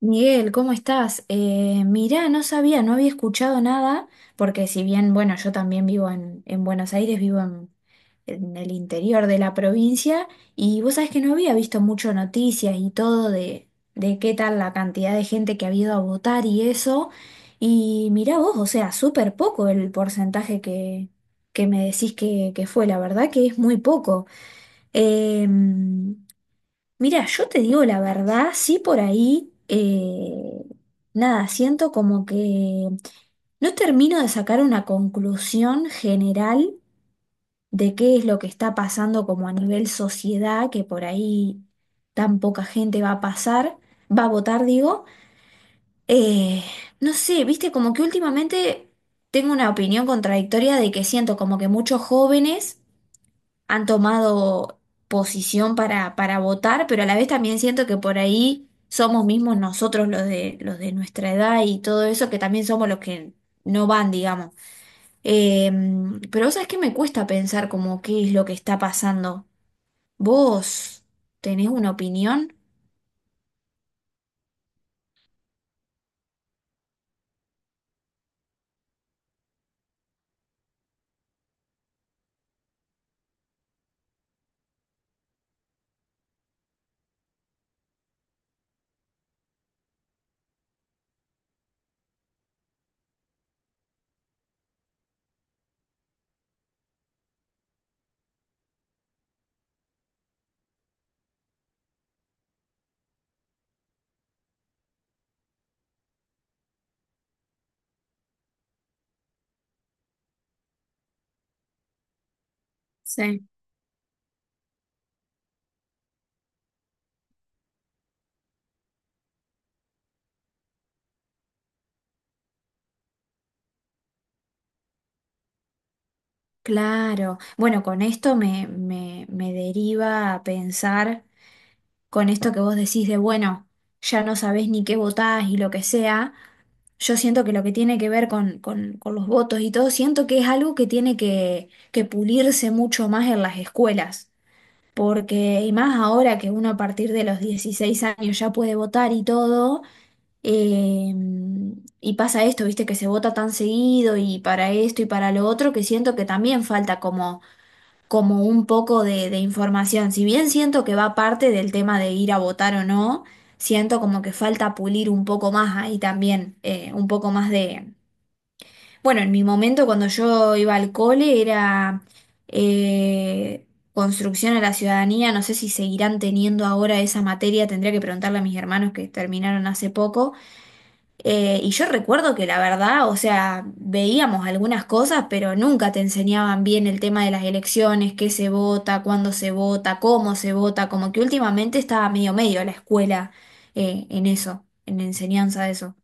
Miguel, ¿cómo estás? Mirá, no sabía, no había escuchado nada, porque si bien, bueno, yo también vivo en, Buenos Aires, vivo en el interior de la provincia, y vos sabés que no había visto mucho noticias y todo de qué tal la cantidad de gente que ha ido a votar y eso, y mirá vos, o sea, súper poco el porcentaje que, me decís que fue, la verdad que es muy poco. Eh, Mira, yo te digo la verdad, sí por ahí, nada, siento como que no termino de sacar una conclusión general de qué es lo que está pasando como a nivel sociedad, que por ahí tan poca gente va a votar, digo. Eh, no sé, viste, como que últimamente tengo una opinión contradictoria de que siento como que muchos jóvenes han tomado posición para, votar, pero a la vez también siento que por ahí somos mismos nosotros los de nuestra edad y todo eso, que también somos los que no van, digamos. Eh, pero sabes que me cuesta pensar como qué es lo que está pasando. ¿Vos tenés una opinión? Sí. Claro. Bueno, con esto me deriva a pensar, con esto que vos decís de, bueno, ya no sabés ni qué votás y lo que sea, yo siento que lo que tiene que ver con, con los votos y todo, siento que es algo que tiene que pulirse mucho más en las escuelas, porque y más ahora que uno a partir de los 16 años ya puede votar y todo, eh, y pasa esto, viste, que se vota tan seguido y para esto y para lo otro, que siento que también falta como un poco de información. Si bien siento que va aparte del tema de ir a votar o no, siento como que falta pulir un poco más ahí también, un poco más de. Bueno, en mi momento cuando yo iba al cole era eh, construcción a la ciudadanía, no sé si seguirán teniendo ahora esa materia, tendría que preguntarle a mis hermanos que terminaron hace poco, y yo recuerdo que la verdad, o sea, veíamos algunas cosas, pero nunca te enseñaban bien el tema de las elecciones, qué se vota, cuándo se vota, cómo se vota, como que últimamente estaba medio medio la escuela en eso, en la enseñanza de eso.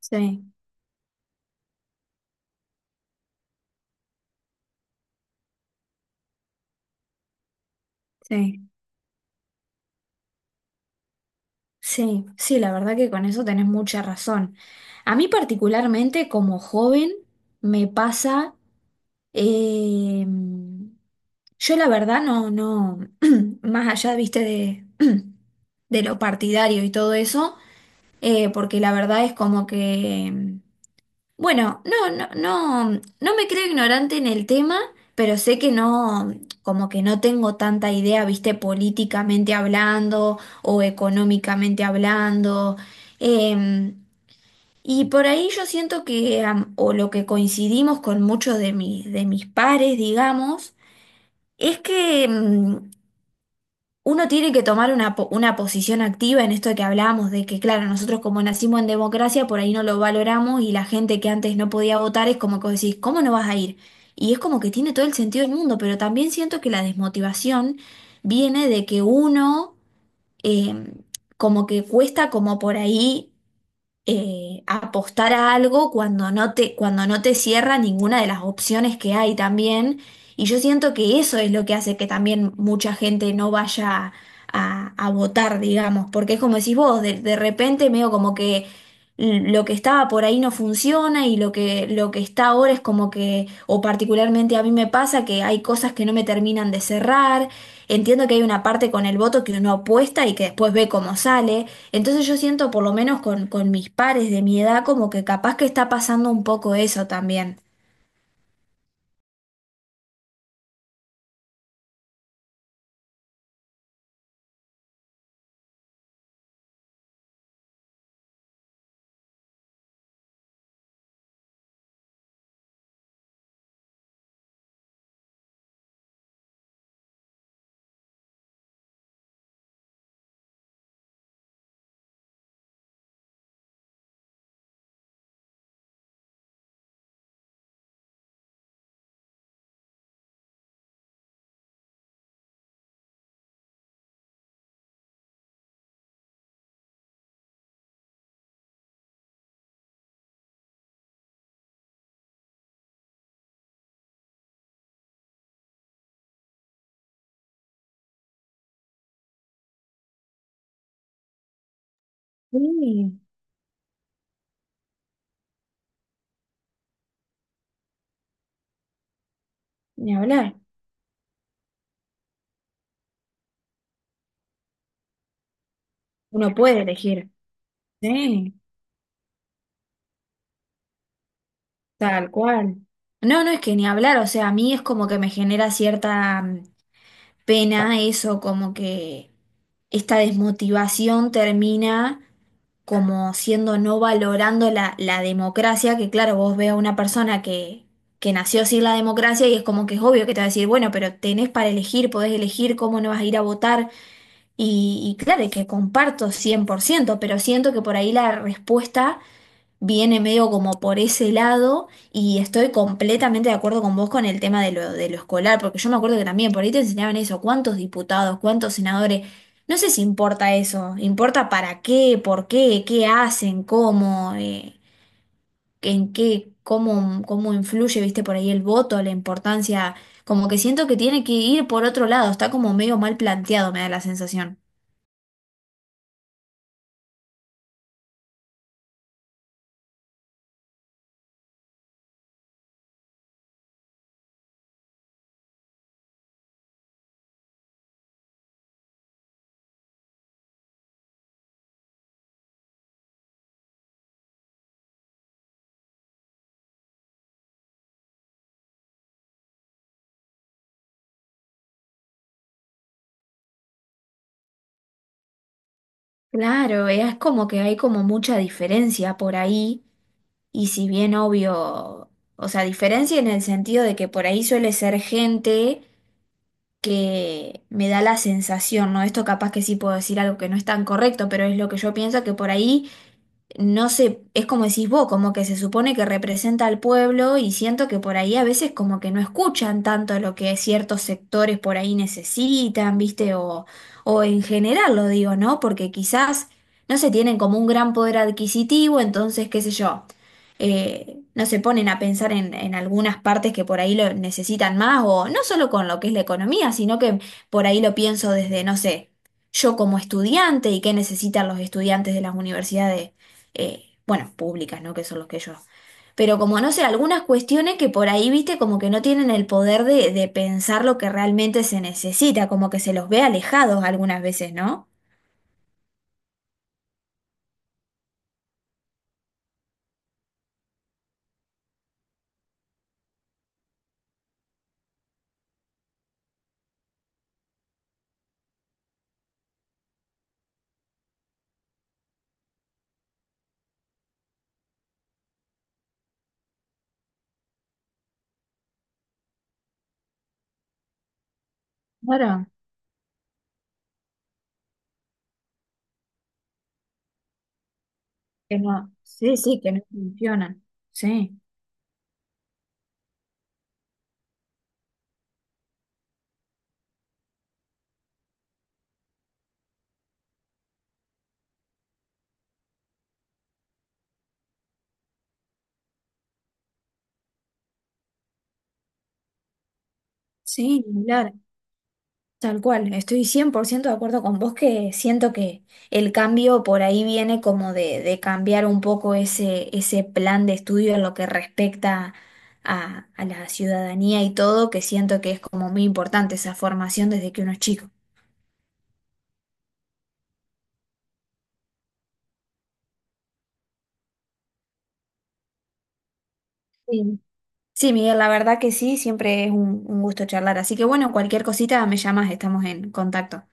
Sí, sí, sí, sí, la verdad que con eso tenés mucha razón. A mí particularmente como joven me pasa. Eh, yo la verdad no, no, más allá, viste, de, de lo partidario y todo eso, porque la verdad es como que, bueno, no, no, no, no me creo ignorante en el tema, pero sé que no, como que no tengo tanta idea, viste, políticamente hablando o económicamente hablando. Em, y por ahí yo siento que, o lo que coincidimos con muchos de mis, pares, digamos, es que uno tiene que tomar una posición activa en esto que hablábamos, de que, claro, nosotros como nacimos en democracia, por ahí no lo valoramos y la gente que antes no podía votar es como que vos decís, ¿cómo no vas a ir? Y es como que tiene todo el sentido del mundo, pero también siento que la desmotivación viene de que uno, em, como que cuesta como por ahí apostar a algo cuando no te, cierra ninguna de las opciones que hay también. Y yo siento que eso es lo que hace que también mucha gente no vaya a, votar, digamos, porque es como decís vos, de repente medio como que lo que estaba por ahí no funciona y lo que está ahora es como que, o particularmente a mí me pasa que hay cosas que no me terminan de cerrar. Entiendo que hay una parte con el voto que uno apuesta y que después ve cómo sale. Entonces yo siento, por lo menos con mis pares de mi edad, como que capaz que está pasando un poco eso también. Sí, ni hablar. Uno puede elegir. Sí, tal cual. No, no es que ni hablar, o sea, a mí es como que me genera cierta pena eso, como que esta desmotivación termina como siendo no valorando la, democracia, que claro, vos ve a una persona que nació sin la democracia y es como que es obvio que te va a decir, bueno, pero tenés para elegir, podés elegir cómo no vas a ir a votar. Y claro, y que comparto 100%, pero siento que por ahí la respuesta viene medio como por ese lado y estoy completamente de acuerdo con vos con el tema de lo, escolar, porque yo me acuerdo que también por ahí te enseñaban eso, cuántos diputados, cuántos senadores, no sé si importa eso, importa para qué, por qué, qué hacen, cómo, en qué, cómo influye, viste, por ahí el voto, la importancia, como que siento que tiene que ir por otro lado, está como medio mal planteado, me da la sensación. Claro, es como que hay como mucha diferencia por ahí. Y si bien obvio, o sea, diferencia en el sentido de que por ahí suele ser gente que me da la sensación, ¿no? Esto capaz que sí puedo decir algo que no es tan correcto, pero es lo que yo pienso, que por ahí no sé, es como decís vos, como que se supone que representa al pueblo y siento que por ahí a veces como que no escuchan tanto lo que ciertos sectores por ahí necesitan, ¿viste? O en general lo digo, ¿no? Porque quizás no se tienen como un gran poder adquisitivo, entonces, qué sé yo, no se ponen a pensar en, algunas partes que por ahí lo necesitan más, o no solo con lo que es la economía, sino que por ahí lo pienso desde, no sé. Yo como estudiante y qué necesitan los estudiantes de las universidades bueno, públicas, ¿no? Que son los que yo. Pero como no sé, algunas cuestiones que por ahí, viste, como que no tienen el poder de, pensar lo que realmente se necesita, como que se los ve alejados algunas veces, ¿no? Claro, que no. Sí, sí, que no funcionan. Sí, sí, ni hablar. Tal cual, estoy 100% de acuerdo con vos que siento que el cambio por ahí viene como de, cambiar un poco ese plan de estudio en lo que respecta a la ciudadanía y todo, que siento que es como muy importante esa formación desde que uno es chico. Sí, sí, Miguel, la verdad que sí, siempre es un, gusto charlar. Así que bueno, cualquier cosita me llamas, estamos en contacto.